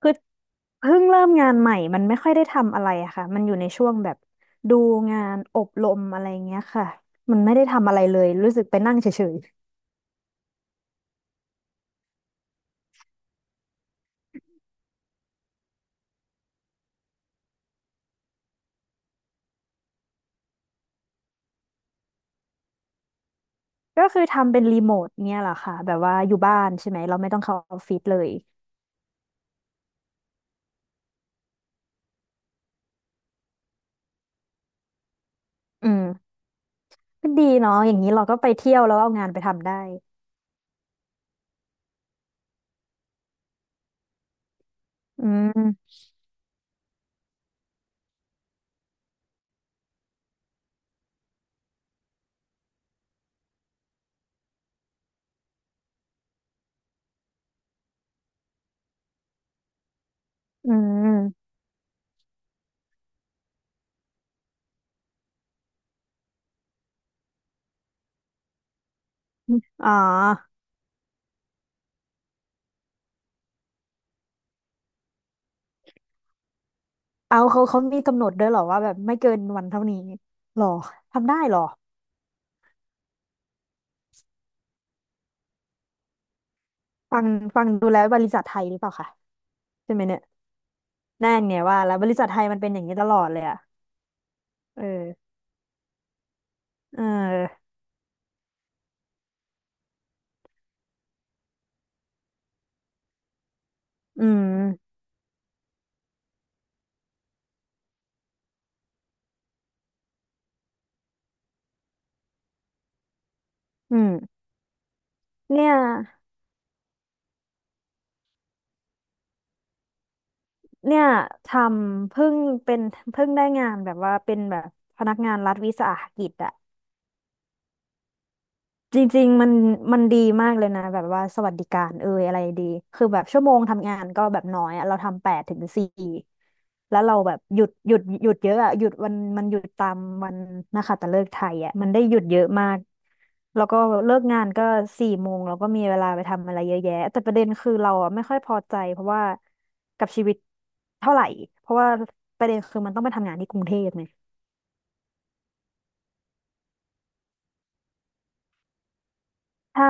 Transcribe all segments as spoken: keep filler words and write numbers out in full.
คือเพิ่งเริ่มงานใหม่ มันไม่ค่อยได้ทำอะไรอะค่ะมันอยู่ในช่วงแบบดูงานอบรมอะไรเงี้ยค่ะมันไม่ได้ทำอะไรเลยรู้สึกไปนั่งเฉยๆก็คือทำเป็นรีโมทเนี่ยแหละค่ะแบบว่าอยู่บ้านใช่ไหม เราไม่ต้องเข้าออฟฟิศเลยอืมก็ดีเนาะอย่างนี้เราก็ไปเที่ยวแล้วเอางานไปทำได้อืมอืมอ๋อเอาเขาเขามีกำหนดด้วยเหรอว่าแบบไม่เกินวันเท่านี้หรอทำได้เหรอฟังฟังดูแล้วบริษัทไทยหรือเปล่าคะใช่ไหมเนี่ย นั่นไงว่าแล้วบริษัทไทยมันเป็นอย่างนี้ตลอดเลยอะเออเอออืม อืม เนี่ย เนี่ยทำเพิ่งเป็นเพิ่งได้งานแบบว่าเป็นแบบพนักงานรัฐวิสาหกิจอะ จริงๆมันมันดีมากเลยนะแบบว่าสวัสดิการเอยอะไรดีคือแบบชั่วโมงทำงานก็แบบน้อยอะเราทำแปดถึงสี่แล้วเราแบบหยุดหยุดหยุดเยอะอะหยุดวันมันหยุดตามวันนะคะแต่เลิกษ์ไทยอะมันได้หยุดเยอะมากแล้วก็เลิกงานก็สี่โมงเราก็มีเวลาไปทำอะไรเยอะแยะแต่ประเด็นคือเราอะไม่ค่อยพอใจเพราะว่ากับชีวิตเท่าไหร่เพราะว่าประเด็นคือมันต้องไปทำงานที่กรุงเทพไง ใช่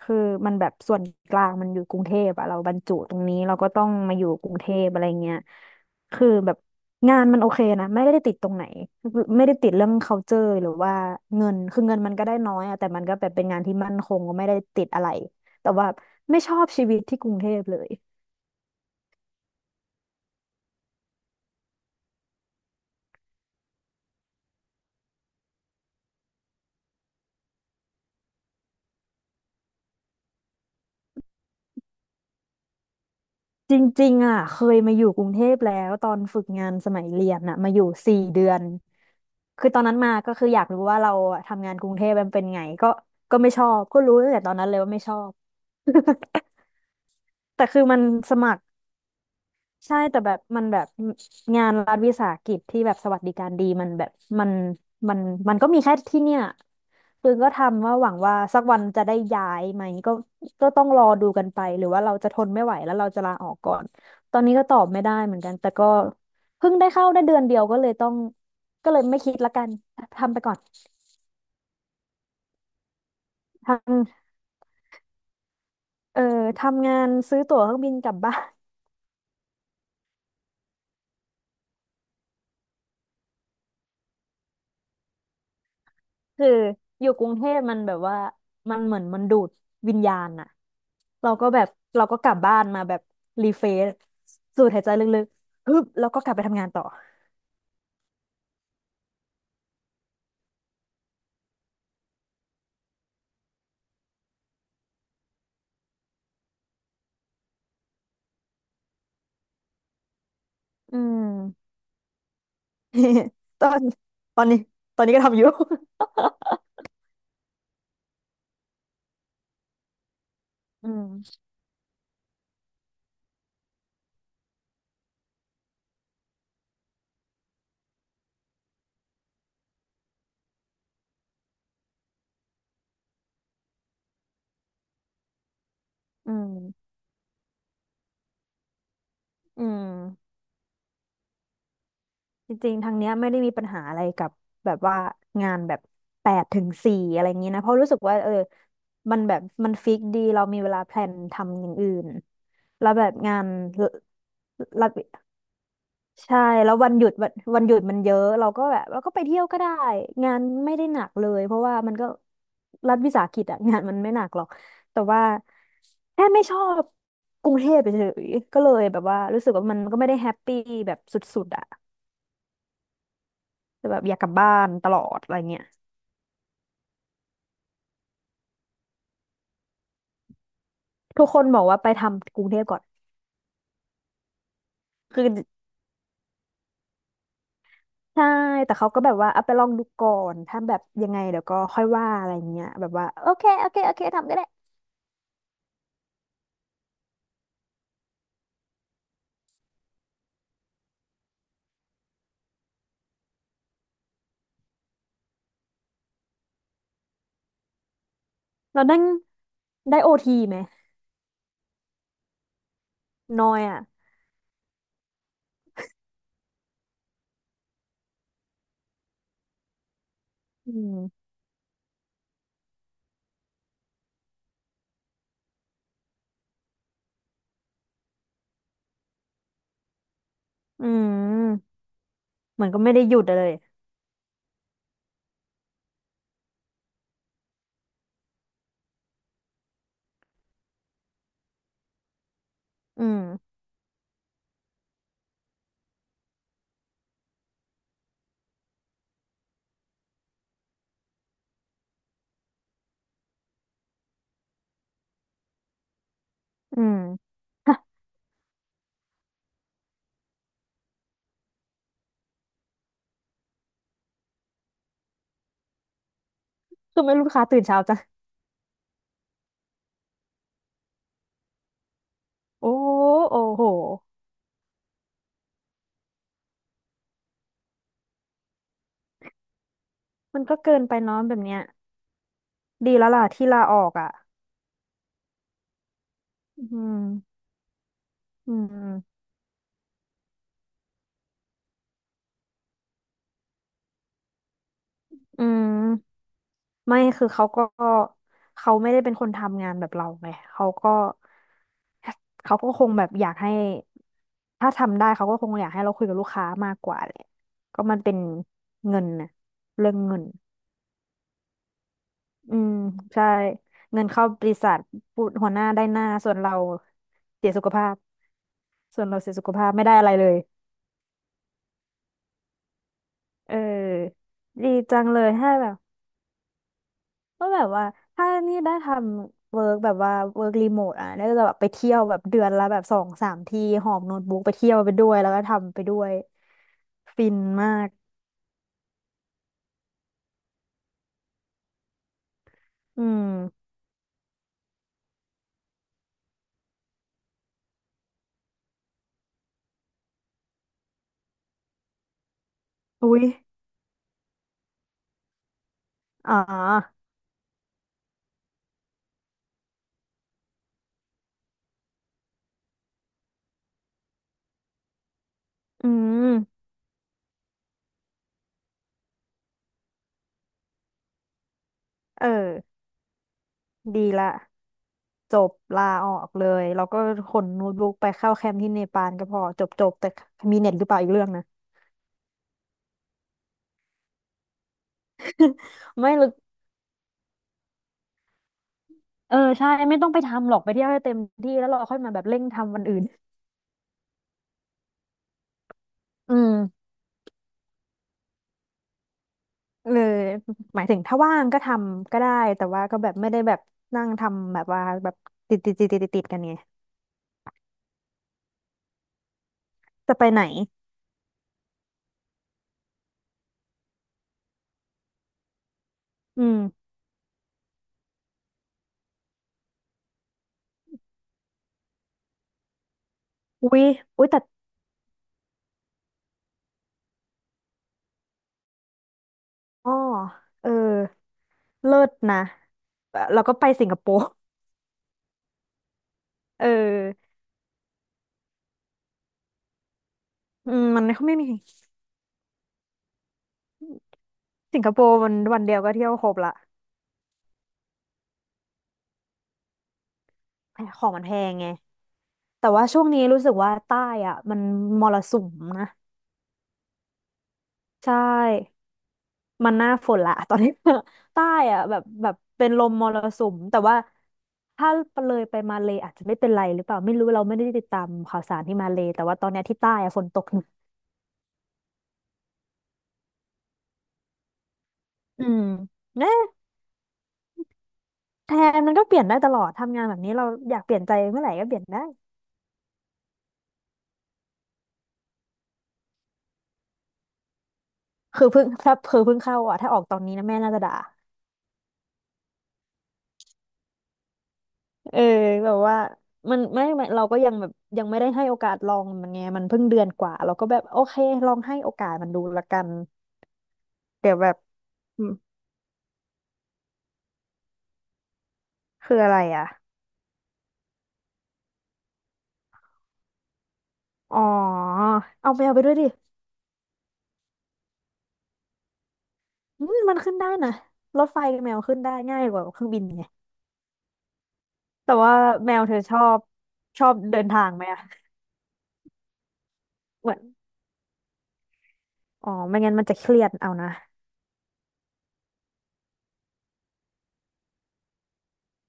คือมันแบบส่วนกลางมันอยู่กรุงเทพอะเราบรรจุตรงนี้เราก็ต้องมาอยู่กรุงเทพอะไรเงี้ยคือแบบงานมันโอเคนะไม่ได้ติดตรงไหนไม่ได้ติดเรื่อง culture หรือว่าเงินคือเงินมันก็ได้น้อยอะแต่มันก็แบบเป็นงานที่มั่นคงก็ไม่ได้ติดอะไรแต่ว่าไม่ชอบชีวิตที่กรุงเทพเลยจริงๆอะเคยมาอยู่กรุงเทพแล้วตอนฝึกงานสมัยเรียนอะมาอยู่สี่เดือน คือตอนนั้นมาก็คืออยากรู้ว่าเราอะทำงานกรุงเทพมันเป็นไงก็ก็ไม่ชอบก็รู้ตั้งแต่ตอนนั้นเลยว่าไม่ชอบ แต่คือมันสมัครใช่แต่แบบมันแบบงานรัฐวิสาหกิจที่แบบสวัสดิการดีมันแบบมันมันมันก็มีแค่ที่เนี่ยคือก็ทำว่าหวังว่าสักวันจะได้ย้ายไหมก็ก็ต้องรอดูกันไปหรือว่าเราจะทนไม่ไหวแล้วเราจะลาออกก่อนตอนนี้ก็ตอบไม่ได้เหมือนกันแต่ก็เพิ่งได้เข้าได้เดือนเดียวก็เลยต้องก็เลยไม่คิดละกันทำไปก่อน เออทำงานซื้อตั๋วเครื่องบินกลับบ้าน คืออยู่กรุงเทพมันแบบว่ามันเหมือนมันดูดวิญญาณอะเราก็แบบเราก็กลับบ้านมาแบบรีเฟรชสูดหายใจลึกๆฮึบแล้วก็กลับไปทำงานต่ออืม ตอนตอนนี้ตอนนี้ก็ทำอยู่ อืมอืมอืม จริงๆทางเนี้ยไม่ได้มีปัญหาอะไรกับแบบว่างานแบบแปดถึงสี่อะไรอย่างนี้นะเพราะรู้สึกว่าเออมันแบบมันฟิกดีเรามีเวลาแพลนทำอย่างอื่นแล้วแบบงานรับใช่แล้ววันหยุดวันวันหยุดมันเยอะเราก็แบบเราก็ไปเที่ยวก็ได้งานไม่ได้หนักเลยเพราะว่ามันก็รัฐวิสาหกิจอะงานมันไม่หนักหรอกแต่ว่าแค่ไม่ชอบกรุงเทพเฉยๆก็เลยแบบว่ารู้สึกว่ามันก็ไม่ได้แฮปปี้แบบสุดๆอะ แต่แบบอยากกลับบ้านตลอดอะไรเงี้ยทุกคนบอกว่าไปทำกรุงเทพก่อนคือใช่แต่เขาก็แบบว่าเอาไปลองดูก่อนถ้าแบบยังไงเดี๋ยวก็ค่อยว่าอะไรเงี้ยแบบว่าโอเคโอเคโอเคทำก็ได้เรานั่งได้โอทีไหมน้อยอ่ะอืมอืมเหมือนก็ไม่ได้หยุดเลยอืมอืมฮะคือไม่รู้ลูกค้าตื่นเช้าจังโอ้โอ้โหมันก็เกินไปเน้องแบบเนี้ยดีแล้วล่ะที่ลาออกอ่ะอืมอืมอืม ไม่คือเขาก็เขาไม่ได้เป็นคนทำงานแบบเราไงเขาก็เขาก็คงแบบอยากให้ถ้าทำได้เขาก็คงอยากให้เราคุยกับลูกค้ามากกว่าแหละก็มันเป็นเงินนะเรื่องเงินอืมใช่เงินเข้าบริษัทพูดหัวหน้าได้หน้าส่วนเราเสียสุขภาพส่วนเราเสียสุขภาพไม่ได้อะไรเลยเออดีจังเลยถ้าแบบ ก็แบบว่าถ้านี่ได้ทำเวิร์กแบบว่าเวิร์กรีโมทอ่ะน่าจะแบบไปเที่ยวแบบเดือนละแบบสองสามที่หอบโน้ตบุ๊กไปเที่ยวไปด้วยแล้วก็ทำไปด้วยฟินมากอืมอุ๊ยอ๋ออืมเออดีละจบลาออกเลยแล้วก็ขนโน้ตบุ๊กไปเข้าแคมป์ที่เนปาลก็พอจบจบแต่มีเน็ตหรือเปล่าอีกเรื่องนะ ไม่รู้เออใช่ไม่ต้องไปทำหรอกไปเที่ยวให้เต็มที่แล้วเราค่อยมาแบบเร่งทำวันอื่นอืม เออหมายถึงถ้าว่างก็ทำก็ได้แต่ว่าก็แบบไม่ได้แบบนั่งทำแบบว่าแบบติดติดติดติดติดกันไงจะไปไหนอืมอุ๊ยอุ้ยแต่อ้อเออเลิศนะเราก็ไปสิงคโปร์เอออืมมันไม่มีสิงคโปร์มันวันเดียวก็เที่ยวครบละของมันแพงไงแต่ว่าช่วงนี้รู้สึกว่าใต้อ่ะมันมรสุมนะใช่ มันหน้าฝนละ ตอนนี้ ใต้อะแบบแบบเป็นลมมรสุมแต่ว่าถ้าเลยไปมาเลอาจจะไม่เป็นไรหรือเปล่าไม่รู้เราไม่ได้ติดตามข่าวสารที่มาเลแต่ว่าตอนเนี้ยที่ใต้อะฝนตกหนักอืมนะแทนมันก็เปลี่ยนได้ตลอดทำงานแบบนี้เราอยากเปลี่ยนใจเมื่อไหร่ก็เปลี่ยนได้คือเพิ่ง ถ้าเพิ่งเพิ่งเข้าอ่ะถ้าออกตอนนี้นะแม่น่าจะด่าเออแบบว่ามันไม่ไม่เราก็ยังแบบยังไม่ได้ให้โอกาสลองมันไงมันเพิ่งเดือนกว่าเราก็แบบโอเคลองให้โอกาสมันดูละกันเดี๋ยวแบบอืมคืออะไรอ่ะ อ๋อเอาแมวไปด้วยดิอืมมันขึ้นได้นะรถไฟกับแมวขึ้นได้ง่ายกว่าเครื่องบินไงแต่ว่าแมวเธอชอบชอบเดินทางไหมอะเหมือนอ๋อไม่งั้นมันจะเครียดเอานะ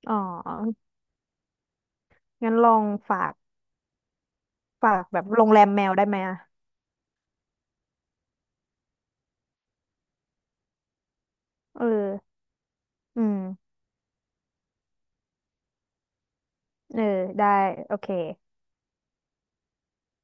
อ๋องั้นลองฝากฝากแบบโรงแรมแมวได้ไหมอะเอออืมเออได้โอเค